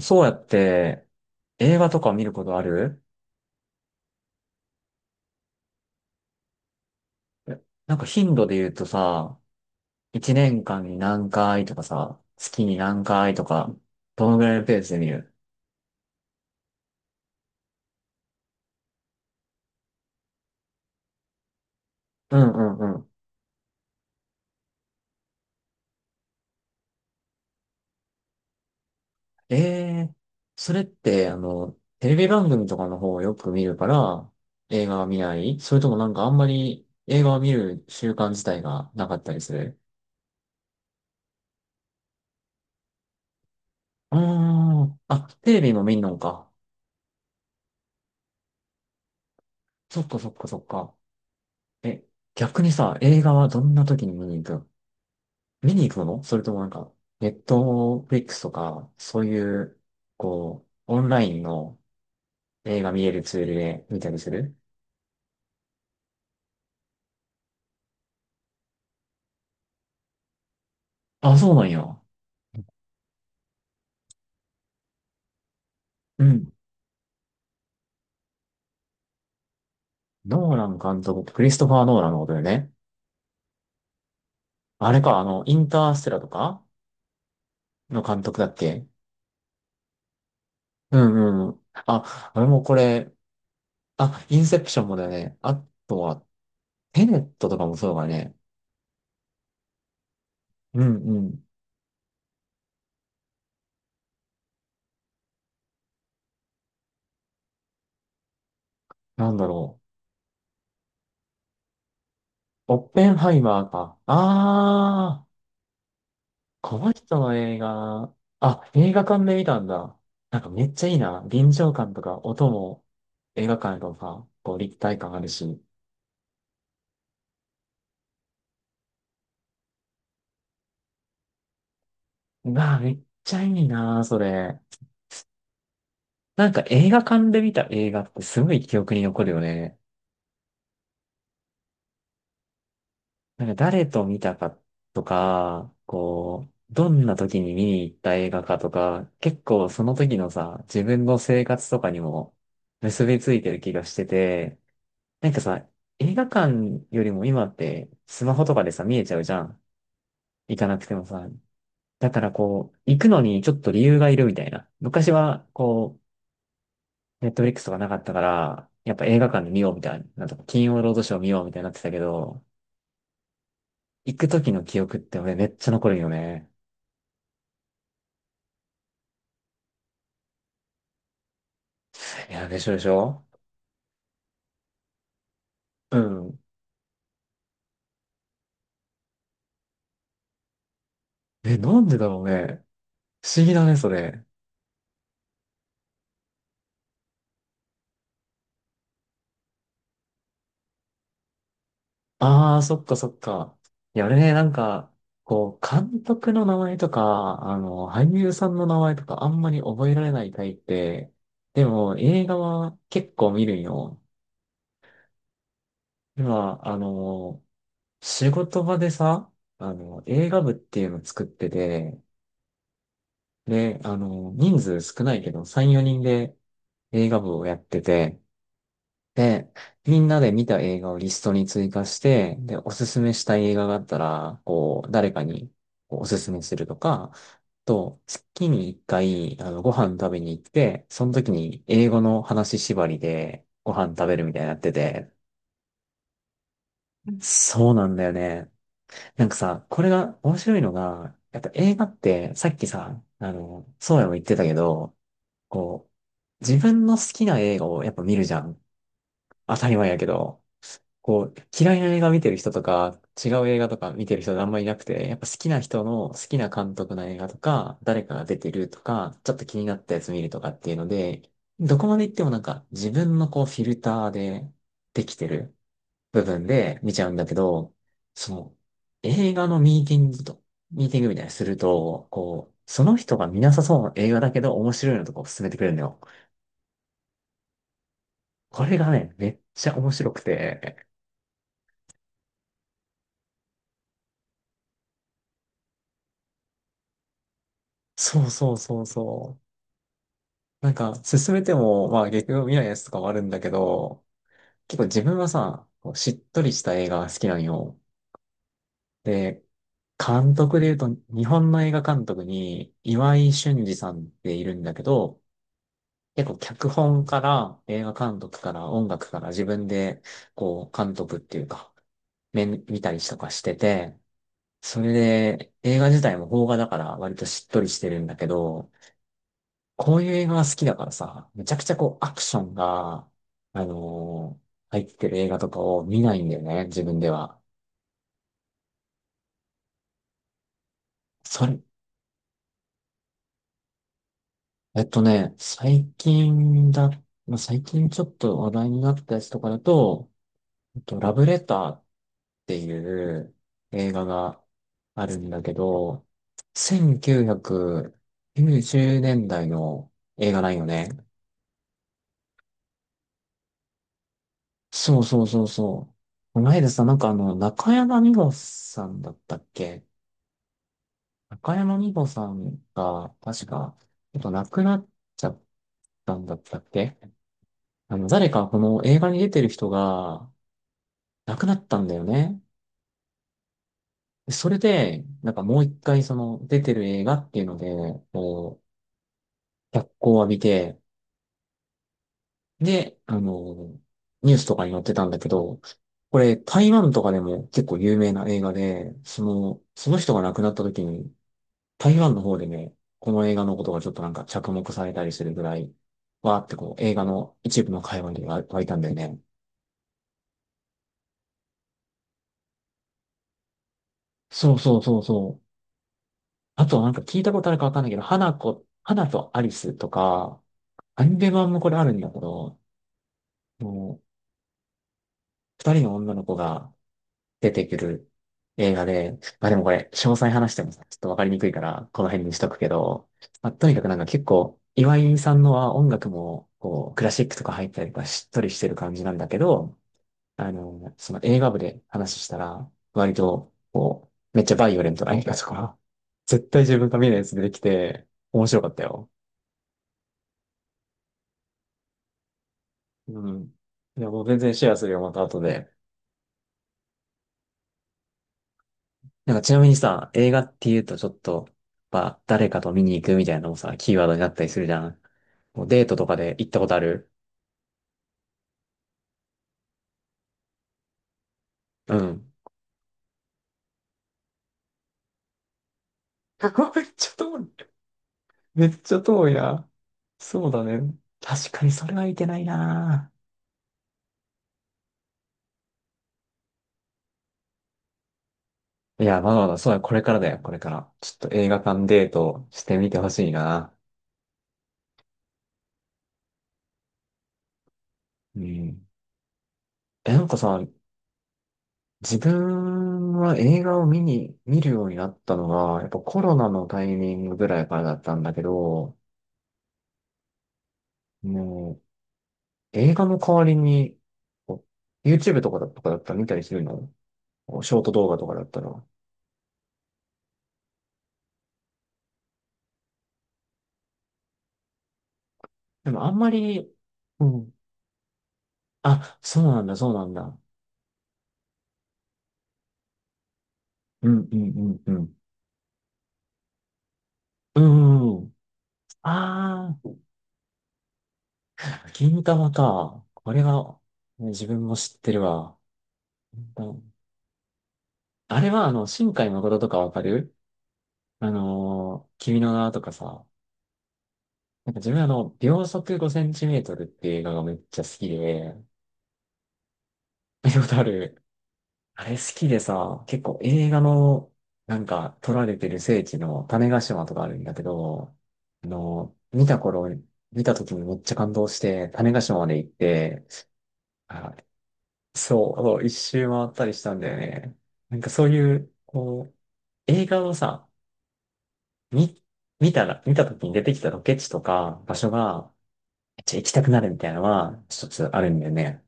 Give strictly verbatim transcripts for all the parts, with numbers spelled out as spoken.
そうやって映画とか見ることある？えなんか頻度で言うとさ、一年間に何回とかさ、月に何回とか、どのぐらいのペースで見る？うんうんうん。ええ、それって、あの、テレビ番組とかの方をよく見るから、映画は見ない？それともなんかあんまり映画を見る習慣自体がなかったりする？うーん。あ、テレビも見んのか。そっかそっかそっか。え、逆にさ、映画はどんな時に見に行く？見に行くもの？それともなんか、ネットフリックスとか、そういう、こう、オンラインの映画見れるツールで見たりする？あ、そうなんや。うん。ノーラン監督、クリストファー・ノーランのことだよね。あれか、あの、インターステラとかの監督だっけ？うんうん。あ、俺もこれ。あ、インセプションもだよね。あとは、テネットとかもそうだね。うんうん。なんだろう。オッペンハイマーか。ああ。この人の映画。あ、映画館で見たんだ。なんかめっちゃいいな。臨場感とか音も映画館とか、こう立体感あるし。うわあ、めっちゃいいな、それ。なんか映画館で見た映画ってすごい記憶に残るよね。なんか誰と見たかとか、こう、どんな時に見に行った映画かとか、結構その時のさ、自分の生活とかにも結びついてる気がしてて、なんかさ、映画館よりも今ってスマホとかでさ、見えちゃうじゃん。行かなくてもさ。だからこう、行くのにちょっと理由がいるみたいな。昔はこう、ネットフリックスとかなかったから、やっぱ映画館で見ようみたいな。なんとか金曜ロードショー見ようみたいになってたけど、行く時の記憶って俺めっちゃ残るよね。いや、でしょでしょ？うん。え、なんでだろうね。不思議だね、それ。ああ、そっかそっか。いや、俺ね、なんか、こう、監督の名前とか、あの、俳優さんの名前とかあんまり覚えられないタイプで、でも映画は結構見るんよ。今、あの、仕事場でさ、あの、映画部っていうの作ってて、で、あの、人数少ないけど、さん、よにんで映画部をやってて、で、みんなで見た映画をリストに追加して、で、おすすめしたい映画があったら、こう、誰かにこうおすすめするとか、と、月に一回、あの、ご飯食べに行って、その時に英語の話縛りでご飯食べるみたいになってて、うん、そうなんだよね。なんかさ、これが面白いのが、やっぱ映画って、さっきさ、あの、そうやも言ってたけど、こう、自分の好きな映画をやっぱ見るじゃん。当たり前やけど。こう、嫌いな映画見てる人とか、違う映画とか見てる人があんまりいなくて、やっぱ好きな人の好きな監督の映画とか、誰かが出てるとか、ちょっと気になったやつ見るとかっていうので、どこまで行ってもなんか自分のこうフィルターでできてる部分で見ちゃうんだけど、その映画のミーティングと、ミーティングみたいにすると、こう、その人が見なさそうな映画だけど面白いのとかを勧めてくれるのよ。これがね、めっちゃ面白くて、そうそうそうそう。なんか、進めても、まあ結局見ないやつとかもあるんだけど、結構自分はさ、こうしっとりした映画が好きなんよ。で、監督で言うと、日本の映画監督に岩井俊二さんっているんだけど、結構脚本から映画監督から音楽から自分で、こう、監督っていうか、面見たりとかしてて、それで映画自体も邦画だから割としっとりしてるんだけど、こういう映画が好きだからさ、めちゃくちゃこうアクションが、あのー入ってる映画とかを見ないんだよね、自分では。それ、えっとね、最近だ、まあ、最近ちょっと話題になったやつとかだと、えっと、ラブレターっていう映画があるんだけど、せんきゅうひゃくきゅうじゅうねんだいの映画なんよね。そうそうそうそう。この間さ、なんかあの、中山美穂さんだったっけ？中山美穂さんが、確か、ちょっと亡くなっちゃったんだったっけ？あの、誰かこの映画に出てる人が亡くなったんだよね。でそれで、なんかもう一回その出てる映画っていうので、こう、脚光を浴びて、で、あの、ニュースとかに載ってたんだけど、これ台湾とかでも結構有名な映画で、その、その人が亡くなった時に台湾の方でね、この映画のことがちょっとなんか着目されたりするぐらい、わーってこう映画の一部の会話に湧いたんだよね。そうそうそうそう。あとなんか聞いたことあるかわかんないけど、花子、花とアリスとか、アニメ版もこれあるんだけど、もうふたりの女の子が出てくる映画で、まあでもこれ詳細話してもさ、ちょっとわかりにくいから、この辺にしとくけど、まあ、とにかくなんか結構、岩井さんのは音楽もこうクラシックとか入ったりとかしっとりしてる感じなんだけど、あの、その映画部で話したら、割と、こう、めっちゃバイオレントな映画とか、絶対自分が見ないやつ出てきて、面白かったよ。うん。いや、もう全然シェアするよ、また後で。なんかちなみにさ、映画って言うとちょっと、まあ、誰かと見に行くみたいなのもさ、キーワードになったりするじゃん。もうデートとかで行ったことある？うん。めっちゃ遠い。めっちゃ遠いな。そうだね。確かにそれはいけないな。いや、まだまだ、そうだ、これからだよ、これから。ちょっと映画館デートしてみてほしいな。うん。え、なんかさ、自分は映画を見に、見るようになったのが、やっぱコロナのタイミングぐらいからだったんだけど、もう、映画の代わりに、こう YouTube とかだ、とかだったら見たりするの？こうショート動画とかだったら。でもあんまり、うん。あ、そうなんだ、そうなんだ。うん、うん、うん、うん。うん、うんうん。ああ。銀玉か。これが、ね自分も知ってるわ。銀魂。あれは、あの、新海誠とかわかる？あのー君の名はとかさ。なんか自分あの、秒速ごセンチメートルっていう映画がめっちゃ好きで、見たことある。あれ好きでさ、結構映画の、なんか撮られてる聖地の種子島とかあるんだけど、あの、見た頃、見た時にめっちゃ感動して、種子島まで行って、あ、そう、そう一周回ったりしたんだよね。なんかそういう、こう、映画をさ、見、見たら、見た時に出てきたロケ地とか場所が、めっちゃ行きたくなるみたいなのは、一つあるんだよね。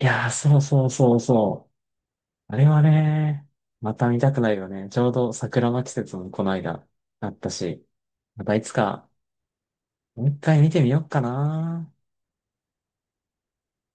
いやー、そうそうそうそう。あれはね、また見たくなるよね。ちょうど桜の季節もこの間、あったし、またいつか、もう一回見てみようかな。